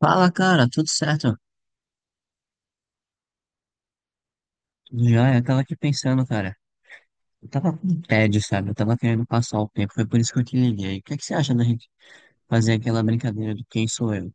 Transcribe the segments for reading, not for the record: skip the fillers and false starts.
Fala, cara, tudo certo? Tudo jóia? Eu tava aqui pensando, cara. Eu tava com tédio, sabe? Eu tava querendo passar o tempo, foi por isso que eu te liguei. O que é que você acha da gente fazer aquela brincadeira do quem sou eu?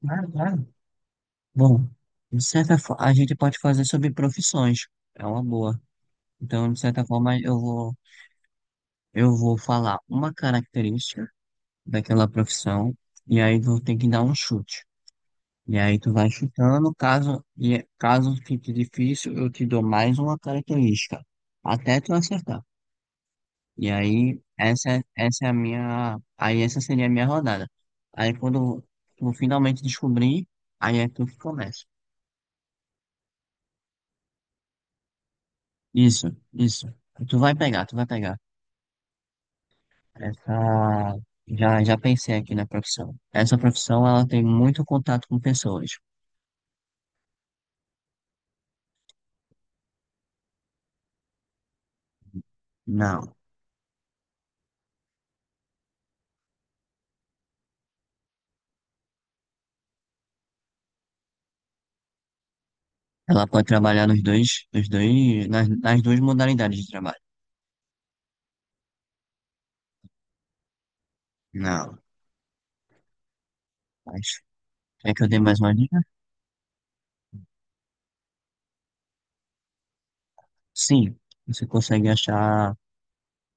Claro, claro. Bom, de certa forma, a gente pode fazer sobre profissões. É uma boa. Então, de certa forma, eu vou falar uma característica daquela profissão, e aí vou ter que dar um chute. E aí tu vai chutando, caso, e caso fique difícil, eu te dou mais uma característica, até tu acertar. E aí, essa, essa é a minha, aí essa seria a minha rodada. Aí quando tu finalmente descobrir, aí é tu que começa. Isso, isso. Tu vai pegar, tu vai pegar. Essa, já pensei aqui na profissão. Essa profissão, ela tem muito contato com pessoas. Não. Ela pode trabalhar nos dois, nas duas modalidades de trabalho. Não. Mas, quer que eu dê mais uma dica? Sim, você consegue achar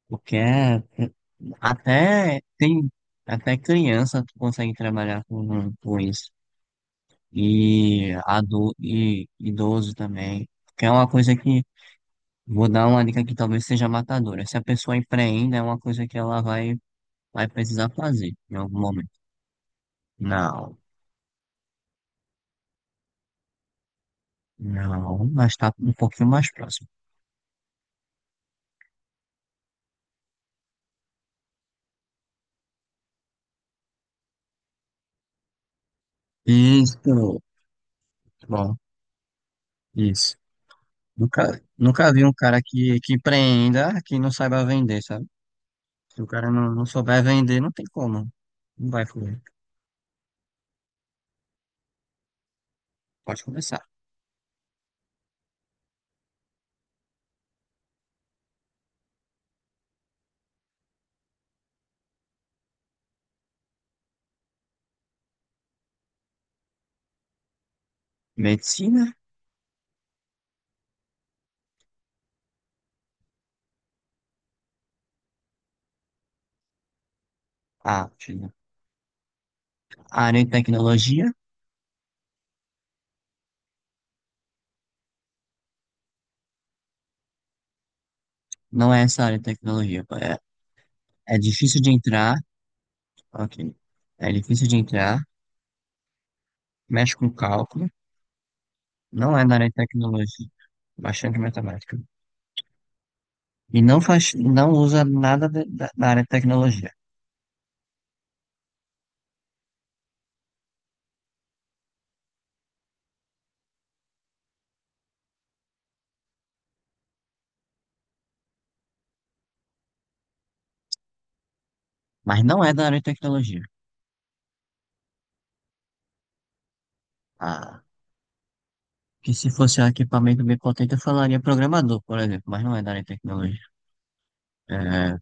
qualquer. Até tem. Até criança tu consegue trabalhar com isso. E idoso também. Que é uma coisa que. Vou dar uma dica que talvez seja matadora. Se a pessoa empreenda, é uma coisa que ela vai, vai precisar fazer em algum momento. Não, não, mas tá um pouquinho mais próximo. Isso. Bom, isso. Nunca, nunca vi um cara que empreenda que não saiba vender, sabe? Se o cara não souber vender, não tem como. Não vai fluir. Pode começar. Medicina? Ah, China. Área de tecnologia? Não é essa área de tecnologia. Pô. É difícil de entrar. Ok. É difícil de entrar. Mexe com cálculo. Não é da área de tecnologia. Bastante matemática. E não faz, não usa nada da área de tecnologia. Mas não é da área de tecnologia. A Que se fosse um equipamento bem potente, eu falaria programador, por exemplo, mas não é da área de tecnologia. É,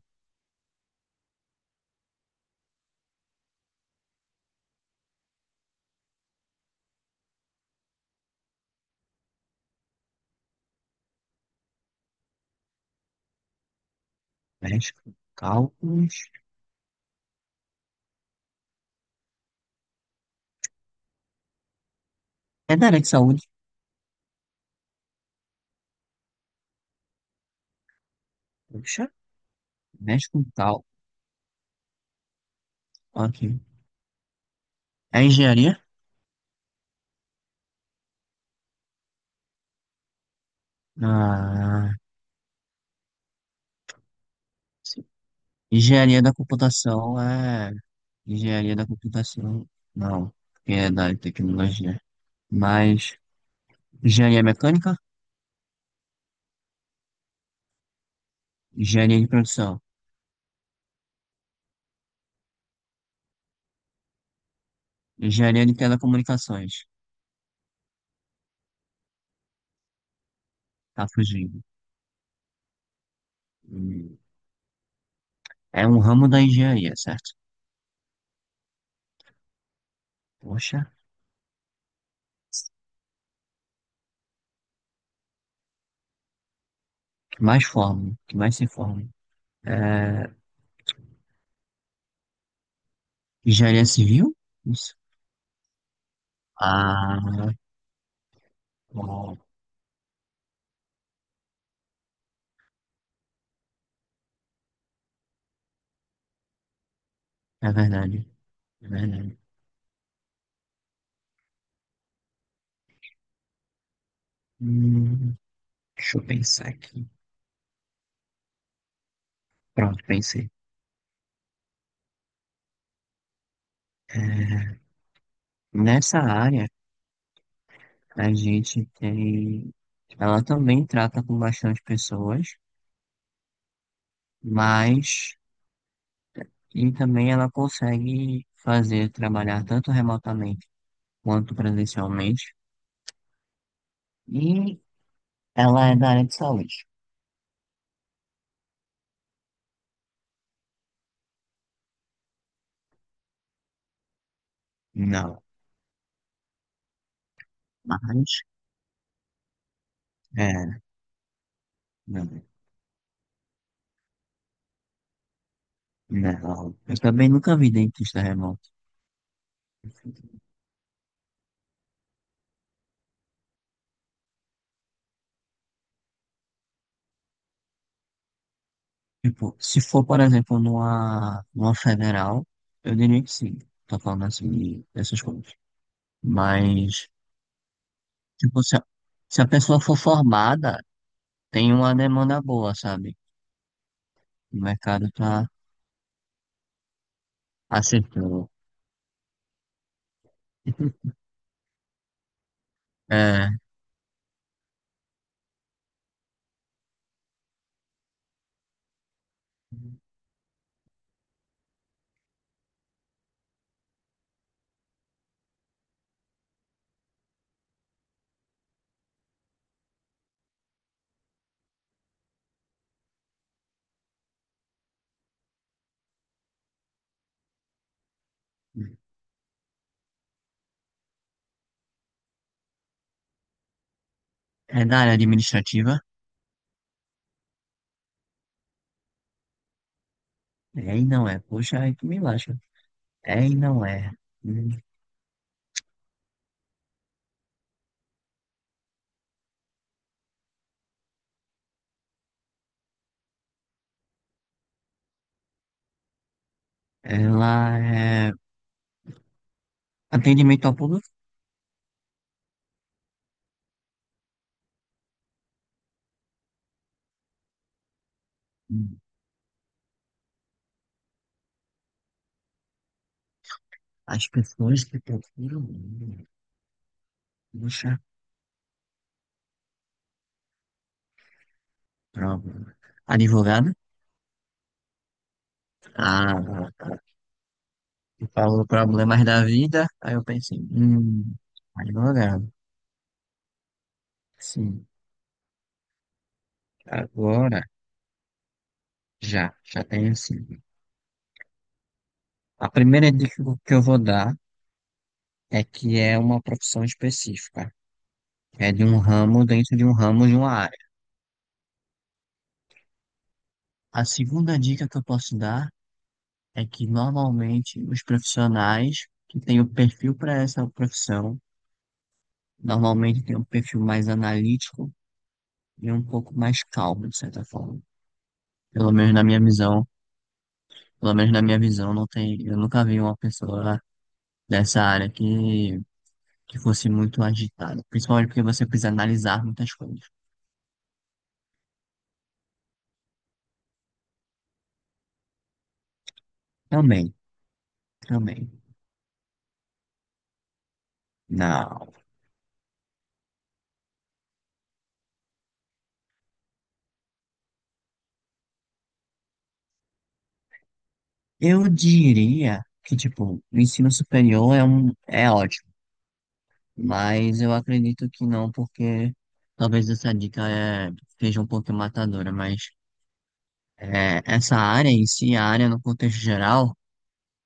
mexe com cálculos. É da área de saúde. Puxa, mexe com cálculos. Ok. É engenharia? Ah, sim. Engenharia da computação é. Engenharia da computação. Não, porque é da área de tecnologia. Mas engenharia mecânica? Engenharia de produção. Engenharia de telecomunicações. Tá fugindo. Hum. É um ramo da engenharia, certo? Poxa. Que mais formam, que mais se formam. É, engenharia civil? Isso. Ah, bom, é verdade, é verdade. Hum, deixa eu pensar aqui. Pronto, pensei. É, nessa área, a gente tem. Ela também trata com bastante pessoas, mas. E também ela consegue fazer trabalhar tanto remotamente quanto presencialmente. E ela é da área de saúde? Não. Mas, é, não. Não, eu também nunca vi dentista remoto. Tipo, se for, por exemplo, numa federal, eu diria que sim. Tô falando assim dessas coisas. Mas, tipo, se a pessoa for formada, tem uma demanda boa, sabe? O mercado tá aceitando. É, é da área administrativa? É e não é. Poxa, aí tu me lasca. É e não é. Hum, Ela é atendimento ao público? Hum, As pessoas que procuram. Puxa, prova. Advogado? Ah, tu falou problemas da vida, aí eu pensei, advogado, sim. Agora, já tenho sim. A primeira dica que eu vou dar é que é uma profissão específica, é de um ramo dentro de um ramo de uma área. A segunda dica que eu posso dar é que normalmente os profissionais que têm o perfil para essa profissão, normalmente têm um perfil mais analítico e um pouco mais calmo, de certa forma. Pelo menos na minha visão, pelo menos na minha visão, não tem, eu nunca vi uma pessoa dessa área que fosse muito agitada, principalmente porque você precisa analisar muitas coisas. Também, também. Não. Eu diria que, tipo, o ensino superior é um, é ótimo, mas eu acredito que não, porque talvez essa dica seja um pouco matadora, mas essa área em si, a área no contexto geral,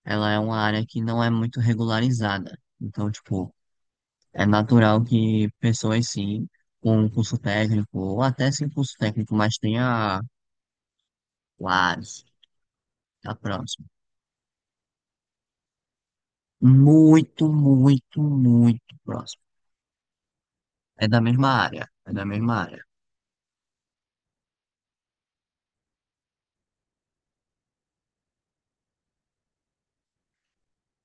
ela é uma área que não é muito regularizada. Então, tipo, é natural que pessoas, sim, com um curso técnico, ou até sem curso técnico, mas tenha quase tá próximo. Muito, muito, muito próximo. É da mesma área, é da mesma área.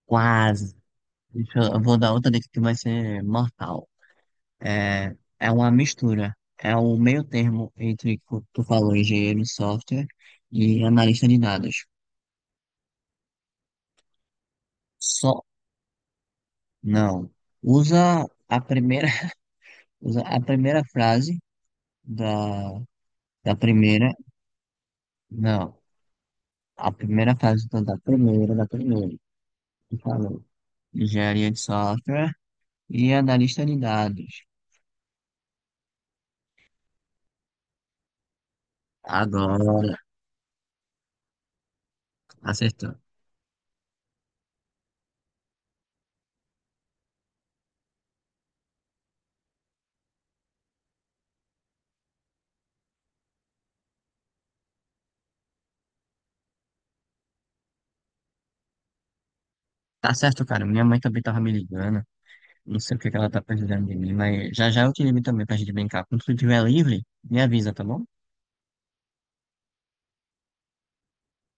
Quase. Eu vou dar outra dica que vai ser mortal. É uma mistura. É o meio termo entre, o que tu falou, engenheiro de software e analista de dados. Só, não. Usa a primeira, usa a primeira frase da Da primeira, não. A primeira fase, então, da primeira. Tu falou. Engenharia de software e analista de dados. Agora, acertou. Tá certo, cara. Minha mãe também tava me ligando. Não sei o que que ela tá precisando de mim, mas já já eu te ligo também pra gente brincar. Quando tu estiver livre, me avisa, tá bom?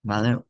Valeu.